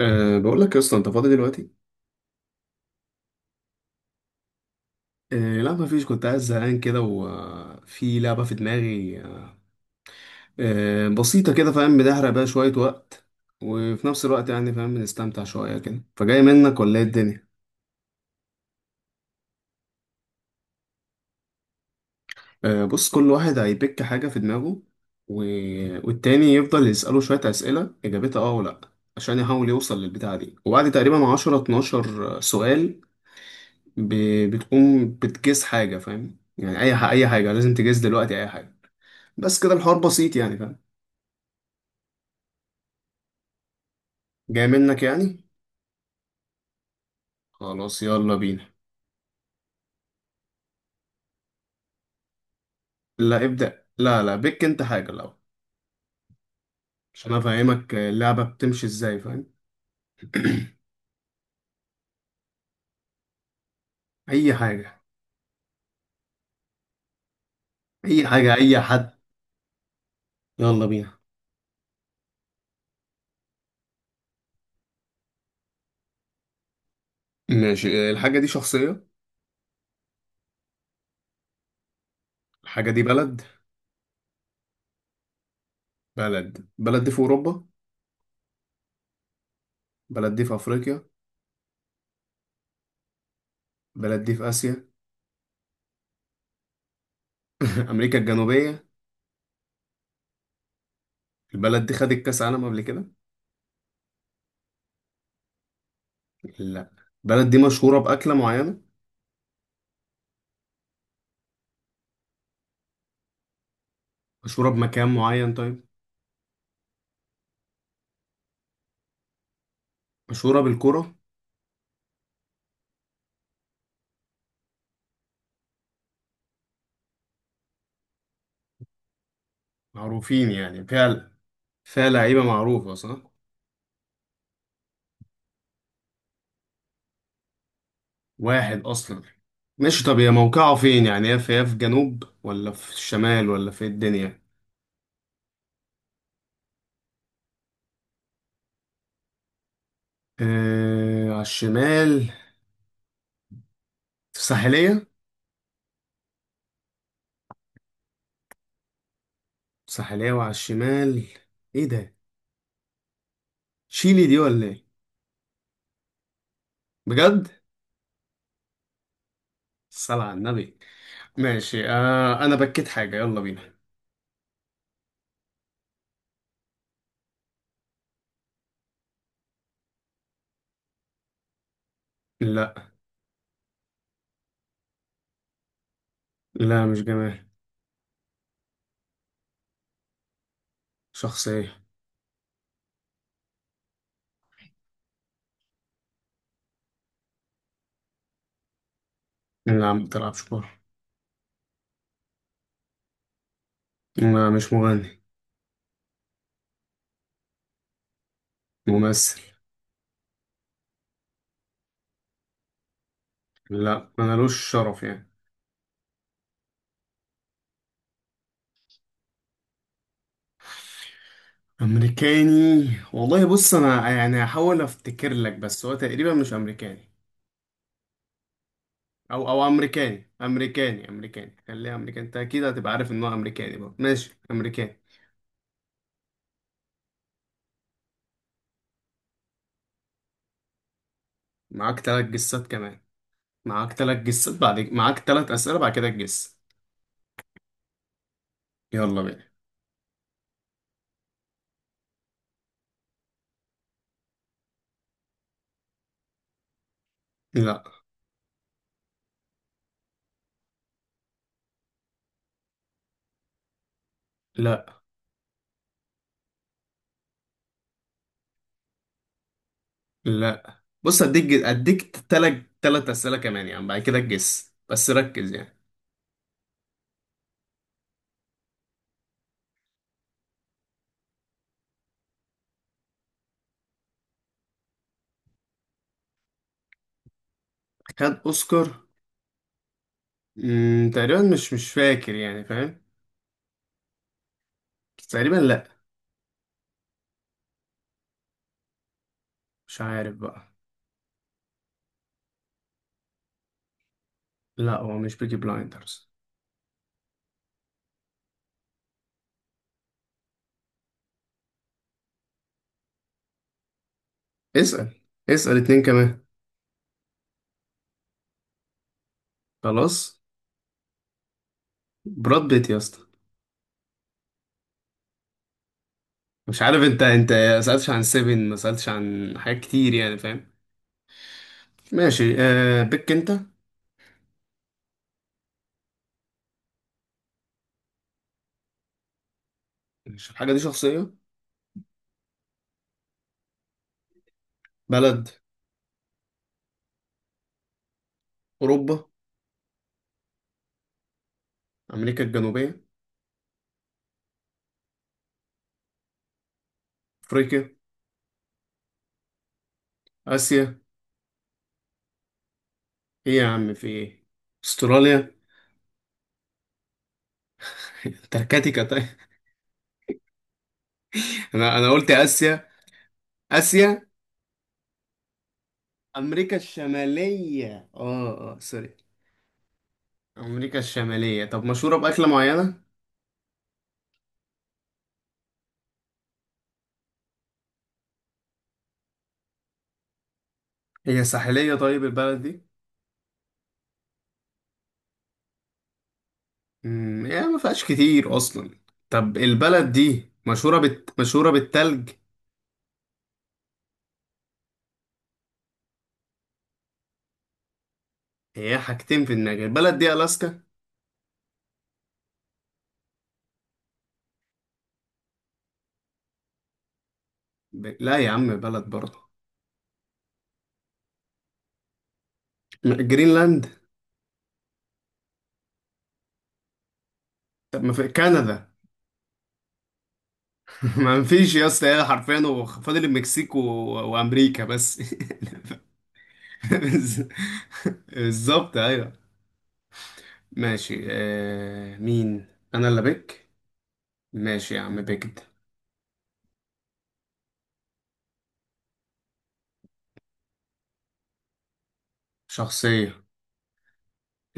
بقول لك يا اسطى، انت فاضي دلوقتي؟ لا، ما فيش، كنت قاعد زهقان كده وفي لعبه في دماغي. بسيطه كده، فاهم؟ بتحرق بقى شويه وقت، وفي نفس الوقت يعني فاهم، بنستمتع شويه كده. فجاي منك ولا ايه الدنيا؟ بص، كل واحد هيبيك حاجه في دماغه و... والتاني يفضل يساله شويه اسئله اجابتها اه ولا لأ، عشان يحاول يوصل للبتاعه دي، وبعد تقريبا 10 12 سؤال ب... بتقوم بتجس حاجه، فاهم؟ يعني اي حاجه، لازم تجس دلوقتي اي حاجه. بس كده الحوار بسيط، يعني فاهم؟ جاي منك يعني. خلاص، يلا بينا. لا، ابدأ، لا لا، بك انت حاجة الأول عشان افهمك اللعبة بتمشي ازاي، فاهم؟ اي حاجة، اي حاجة، اي حد. يلا بينا. ماشي، الحاجة دي شخصية؟ الحاجة دي بلد؟ بلد دي في أوروبا؟ بلد دي في أفريقيا؟ بلد دي في آسيا؟ أمريكا الجنوبية. البلد دي خدت كأس عالم قبل كده؟ لا. البلد دي مشهورة بأكلة معينة؟ مشهورة بمكان معين، طيب؟ مشهورة بالكرة؟ معروفين يعني فعلا. فيها لعيبة معروفة صح؟ واحد أصلا. ماشي، طب هي موقعه فين يعني، هي في جنوب ولا في الشمال ولا في إيه الدنيا؟ آه، على الشمال. في الساحلية؟ الساحلية وعلى الشمال. ايه ده؟ تشيلي دي ولا ايه؟ بجد؟ الصلاة على النبي. ماشي، أنا بكيت حاجة، يلا بينا. لا. لا، مش جمال. شخص ايه؟ لا، ما بتلعبش كورة. لا، مش مغني. ممثل. لا، ملوش شرف يعني. امريكاني. والله بص، انا يعني هحاول افتكر لك، بس هو تقريبا مش امريكاني. او امريكاني، امريكاني امريكاني، خليها امريكاني، انت اكيد هتبقى عارف ان هو امريكاني بقى. ماشي، امريكاني. معاك تلات جسات كمان. معاك تلات جسات، بعد معاك تلات اسئله بعد كده تجس. يلا بينا. لا لا لا. بص، اديك تلات اسئله كمان يعني، بعد كده تجس، بس ركز يعني. خد اوسكار؟ تقريبا مش فاكر يعني، فاهم؟ بس تقريبا لا. مش عارف بقى. لا، هو مش بيكي بلايندرز. اسأل. اسأل اتنين كمان. خلاص. براد بيت يا اسطى. مش عارف، انت ما سألتش عن سيفن، ما سألتش عن حاجات كتير يعني، فاهم؟ ماشي، بيك انت. مش الحاجة دي شخصية؟ بلد؟ أوروبا؟ أمريكا الجنوبية؟ أفريقيا؟ آسيا؟ إيه يا عم في إيه؟ أستراليا؟ انتاركتيكا طيب؟ أنا قلت آسيا. آسيا. أمريكا الشمالية، آه آه سوري، أمريكا الشمالية. طب مشهورة بأكلة معينة؟ هي ساحلية طيب البلد دي؟ يعني ما فيهاش كتير أصلا. طب البلد دي مشهورة بالتلج؟ هي حاجتين في دماغي، البلد دي ألاسكا؟ لا يا عم، بلد برضه. جرينلاند؟ طب ما في كندا. ما فيش يا اسطى، هي حرفيا هو فاضل المكسيك وأمريكا بس. بز- بالظبط أيوه. ماشي، مين؟ أنا اللي بك؟ ماشي يا عم بجد. شخصية.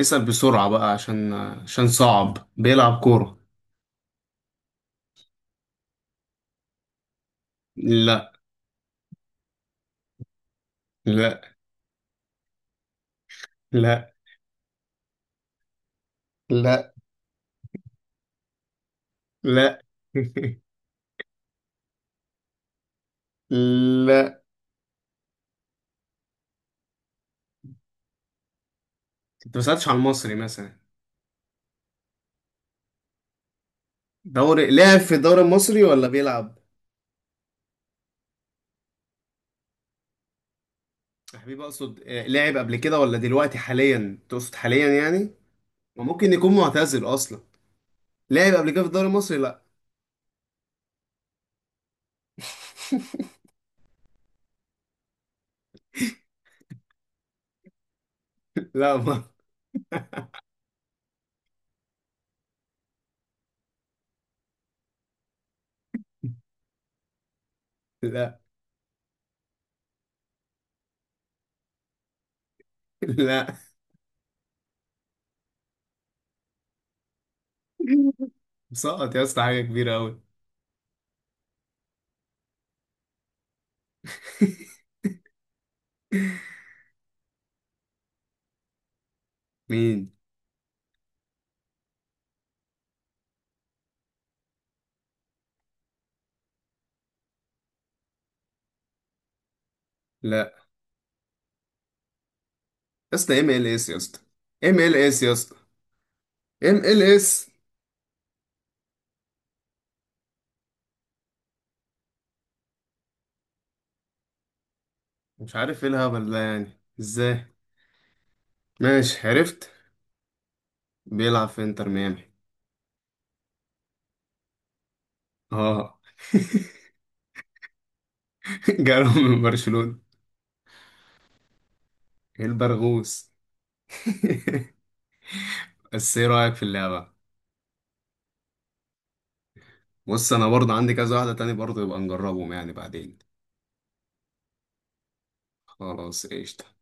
اسأل بسرعة بقى، عشان صعب. بيلعب كورة. لا لا لا لا لا. لا، انت ما سألتش عن المصري مثلا. لعب في الدوري المصري ولا بيلعب؟ يا حبيبي اقصد، لعب قبل كده ولا دلوقتي، حاليا تقصد حاليا يعني؟ وممكن يكون معتزل اصلا. لعب قبل كده في الدوري المصري، لا. لا ما. لا لا، مسقط يا اسطى حاجة كبيرة أوي. مين؟ لا يا اسطى، MLS يا اسطى. MLS يا اسطى. ام ال اس. مش عارف ايه الهبل ده يعني ازاي. ماشي عرفت. بيلعب في انتر ميامي. اه. جاله من برشلونة. ايه البرغوث. بس ايه رأيك في اللعبة؟ بص انا برضه عندي كذا واحدة تاني برضه، يبقى نجربهم يعني بعدين. خلاص قشطة.